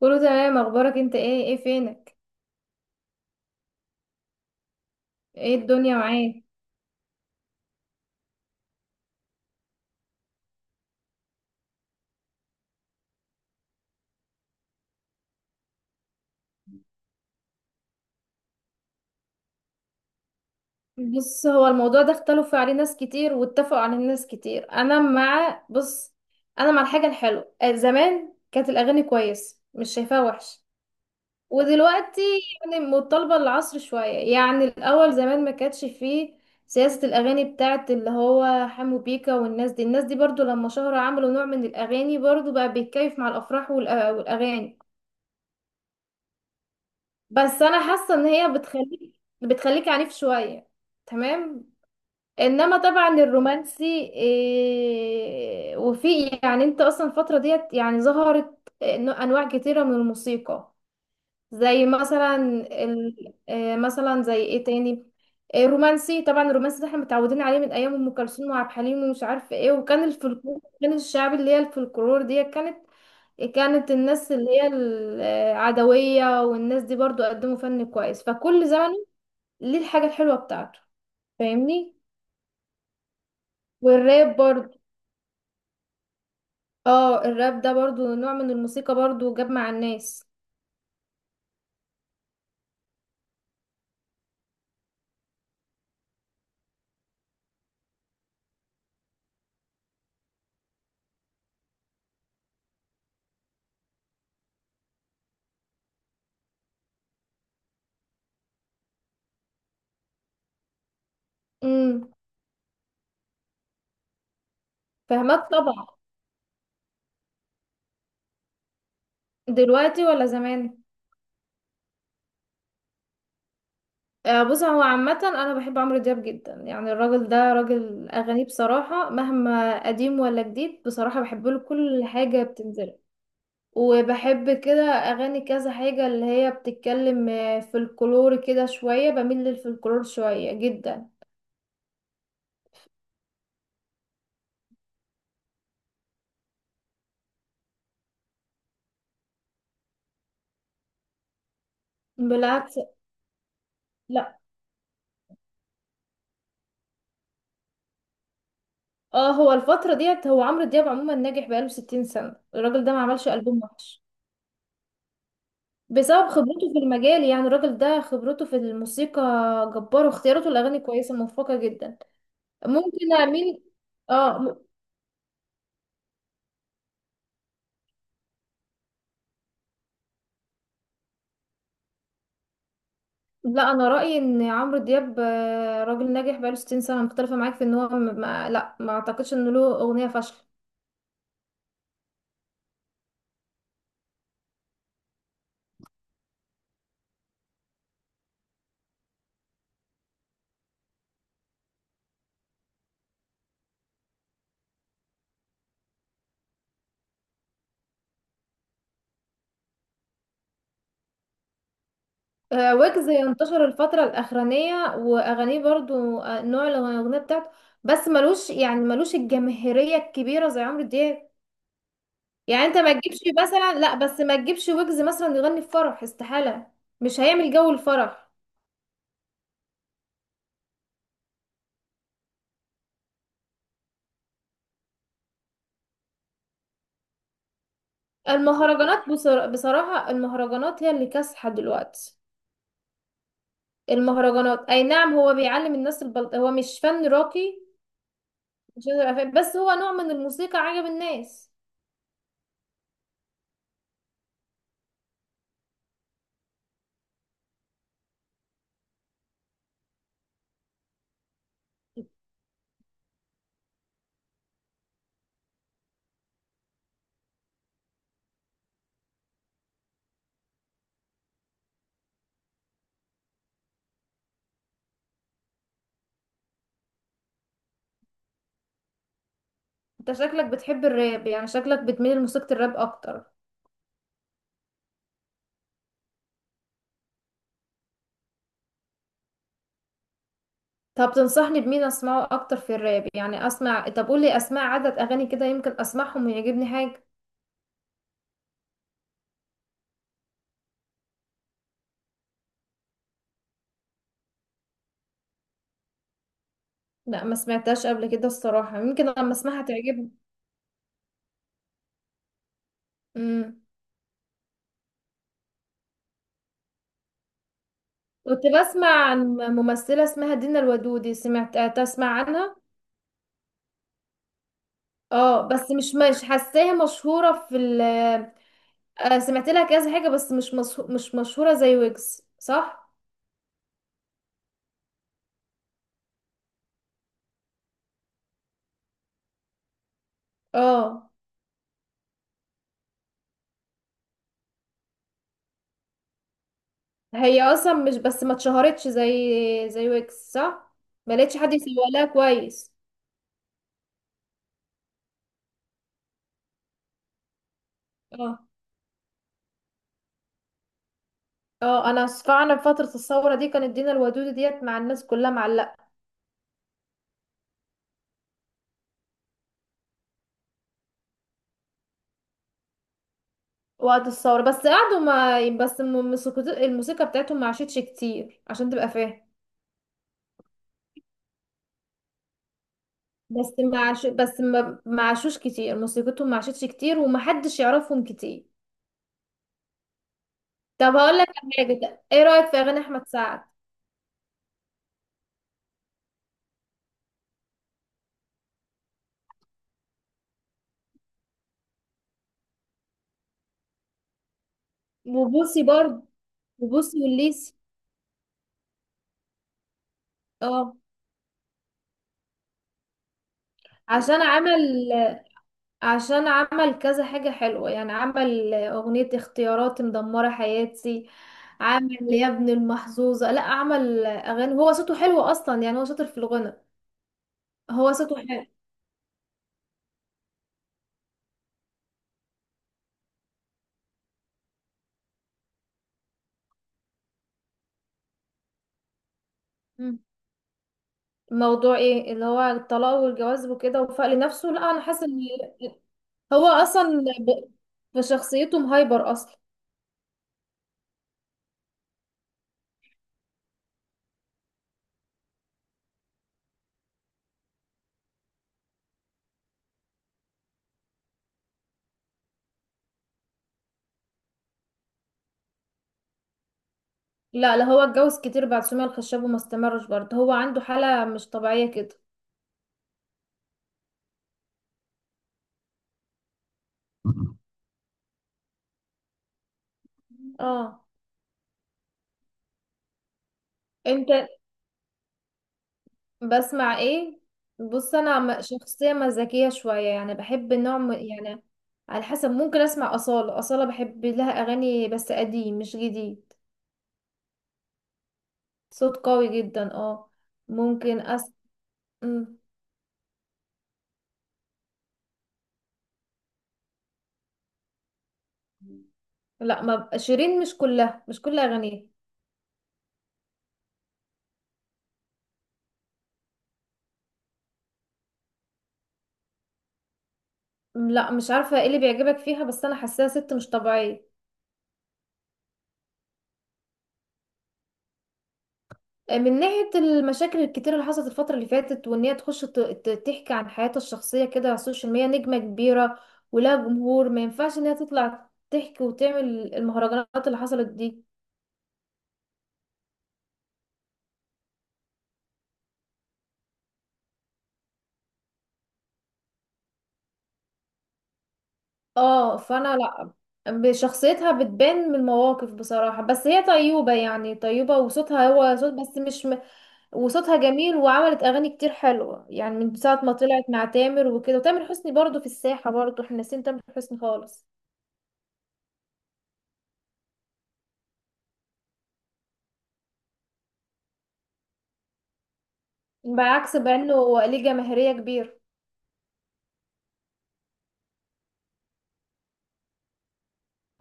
كله تمام. اخبارك؟ انت ايه؟ ايه فينك؟ ايه الدنيا معاك؟ بص، هو الموضوع ده اختلفوا عليه ناس كتير واتفقوا عليه ناس كتير. انا مع بص، انا مع الحاجه الحلوه. زمان كانت الاغاني كويسه، مش شايفاها وحش. ودلوقتي يعني متطلبه العصر شويه، يعني الاول زمان ما كانتش فيه سياسه الاغاني بتاعت اللي هو حمو بيكا والناس دي. الناس دي برضو لما شهروا عملوا نوع من الاغاني، برضو بقى بيتكيف مع الافراح والاغاني. بس انا حاسه ان هي بتخليك عنيف شويه، تمام؟ انما طبعا الرومانسي، إيه، وفي يعني انت اصلا الفتره ديت يعني ظهرت إنه انواع كتيره من الموسيقى، زي مثلا ال... آه، مثلا زي ايه تاني، رومانسي. طبعا الرومانسي ده احنا متعودين عليه من ايام ام كلثوم وعبد الحليم ومش عارف ايه. وكان الفلكلور، كان الشعب اللي هي الفلكلور دي، كانت الناس اللي هي العدوية والناس دي برضو قدموا فن كويس. فكل زمن ليه الحاجة الحلوة بتاعته، فاهمني. والراب برضو، اه الراب ده برضو نوع من الموسيقى برضو جاب مع الناس. امم فاهمات طبعا. دلوقتي ولا زمان؟ بص، هو عامة أنا بحب عمرو دياب جدا. يعني الراجل ده راجل أغانيه بصراحة مهما قديم ولا جديد بصراحة بحب له كل حاجة بتنزل. وبحب كده أغاني كذا حاجة اللي هي بتتكلم فلكلور كده شوية، بميل للفلكلور شوية جدا. بالعكس. لا، اه هو الفترة ديت هو عمرو دياب عموما ناجح بقاله 60 سنة، الراجل ده ما عملش ألبوم وحش بسبب خبرته في المجال. يعني الراجل ده خبرته في الموسيقى جبارة، واختياراته الأغاني كويسة موفقة جدا. ممكن اميل. اه م- لا، انا رايي ان عمرو دياب راجل ناجح بقاله 60 سنه، مختلفه معاك في ان هو م- ما لا، ما اعتقدش انه له اغنيه فاشله. ويجز انتشر الفتره الاخرانيه واغانيه برضو، نوع الاغنيه بتاعته، بس ملوش يعني ملوش الجماهيريه الكبيره زي عمرو دياب. يعني انت ما تجيبش مثلا، لا بس ما تجيبش ويجز مثلا يغني في فرح، استحاله، مش هيعمل جو الفرح. المهرجانات بصراحه المهرجانات هي اللي كاسحه دلوقتي. المهرجانات اي نعم هو بيعلم الناس البلط، هو مش فن راقي، مش هقدر أفهم. بس هو نوع من الموسيقى عجب الناس. انت شكلك بتحب الراب، يعني شكلك بتميل لموسيقى الراب اكتر؟ طب تنصحني بمين اسمعه اكتر في الراب؟ يعني اسمع، طب قولي اسمع عدد اغاني كده يمكن اسمعهم ويعجبني حاجة. لا، ما سمعتهاش قبل كده الصراحة، يمكن لما اسمعها تعجبني. امم. كنت بسمع عن ممثلة اسمها دينا الودودي، سمعت تسمع عنها؟ اه، بس مش مش حاساها مشهورة في ال، سمعت لها كذا حاجة بس مش مشهورة زي ويجز، صح؟ اه، هي اصلا مش بس ما اتشهرتش زي ويجز، صح؟ ما لقيتش حد يسوق لها كويس. اه اه، انا فعلا فترة الثورة دي كانت دينا الودود ديت مع الناس كلها معلقة. وقت الثورة بس قعدوا، ما بس الموسيقى بتاعتهم ما عاشتش كتير عشان تبقى فاهم. بس ما عاشوش كتير، موسيقتهم ما عاشتش كتير ومحدش يعرفهم كتير. طب هقول لك على حاجة، ايه رأيك في اغاني احمد سعد؟ وبوسي برضه وبوسي والليسي. اه عشان عمل عشان عمل كذا حاجة حلوة. يعني عمل أغنية اختيارات مدمرة حياتي، عمل يا ابن المحظوظة، لا عمل أغاني. هو صوته حلو أصلا، يعني هو شاطر في الغنى. هو صوته حلو. مم. موضوع ايه اللي هو الطلاق والجواز وكده، وفاق لنفسه؟ لا، أنا حاسة إن هو أصلا بشخصيته مهايبر أصلا. لا لا، هو اتجوز كتير بعد سمية الخشاب وما استمرش برضه، هو عنده حالة مش طبيعية كده. اه. انت بسمع ايه؟ بص، انا شخصيه مزاجيه شويه، يعني بحب النوع يعني على حسب. ممكن اسمع اصاله، اصاله بحب لها اغاني بس قديم مش جديد. صوت قوي جدا، اه. ممكن أس... مم. لا، ما شيرين مش كل اغانيها. لا، مش عارفه ايه اللي بيعجبك فيها بس انا حاساها ست مش طبيعيه. من ناحية المشاكل الكتيرة اللي حصلت الفترة اللي فاتت، وإن هي تخش تحكي عن حياتها الشخصية كده على السوشيال ميديا. نجمة كبيرة ولها جمهور، ما ينفعش إن هي تطلع تحكي وتعمل المهرجانات اللي حصلت دي. اه، فأنا لأ. بشخصيتها بتبان من المواقف بصراحة. بس هي طيوبة يعني طيوبة، وصوتها هو صوت بس مش م... وصوتها جميل وعملت أغاني كتير حلوة. يعني من ساعة ما طلعت مع تامر وكده، وتامر حسني برضو في الساحة، برضو احنا ناسيين تامر حسني خالص. بعكس بقى انه ليه جماهيرية كبيرة.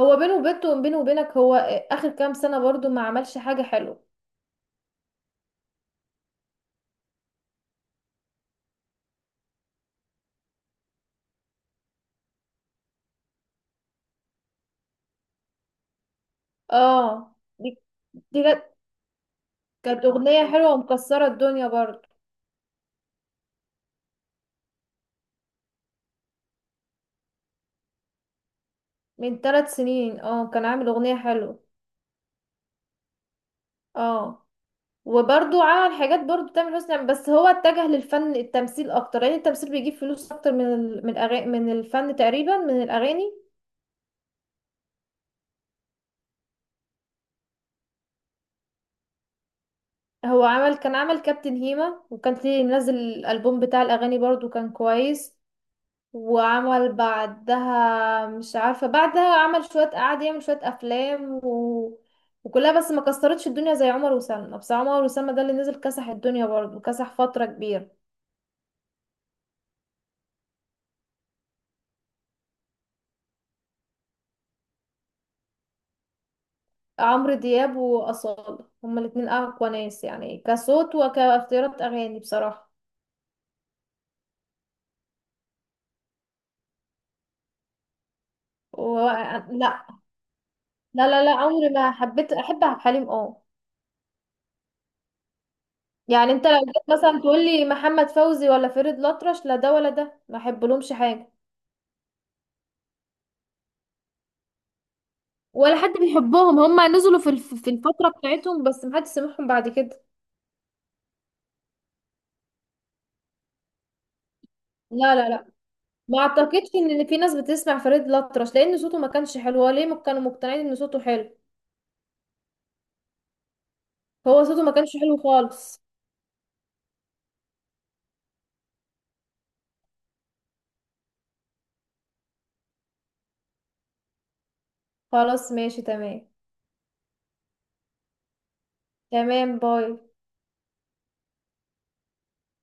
هو بينه وبينك، هو اخر كام سنة برضو ما عملش حاجة حلوة. اه، دي كانت اغنية حلوة ومكسرة الدنيا برضو. من 3 سنين، اه، كان عامل اغنية حلوة. اه. وبرضو عمل حاجات برضو تامر حسني، يعني بس هو اتجه للفن التمثيل اكتر لان التمثيل بيجيب فلوس اكتر من من الأغاني، من الفن تقريبا من الاغاني. هو عمل، كان عمل كابتن هيما، وكان ليه منزل الالبوم بتاع الاغاني برضو كان كويس. وعمل بعدها مش عارفة بعدها عمل شوية، قعد يعمل شوية أفلام، وكلها بس ما كسرتش الدنيا زي عمر وسلمى. بس عمر وسلمى ده اللي نزل كسح الدنيا برضه، كسح فترة كبيرة. عمرو دياب وأصالة هما الاتنين أقوى ناس يعني كصوت وكاختيارات أغاني بصراحة. و... لا لا لا لا، عمري ما حبيت أحب عبد الحليم، اه. يعني انت لو جيت مثلا تقولي محمد فوزي ولا فريد الأطرش، لا ده ولا ده ما احبلهمش حاجة. ولا حد بيحبهم، هم نزلوا في في الفترة بتاعتهم بس محدش سمعهم بعد كده. لا لا لا، ما اعتقدش ان في ناس بتسمع فريد الأطرش لان صوته ما كانش حلو، هو ليه كانوا مقتنعين ان صوته حلو. هو صوته ما كانش حلو خالص. خلاص ماشي تمام. تمام، باي.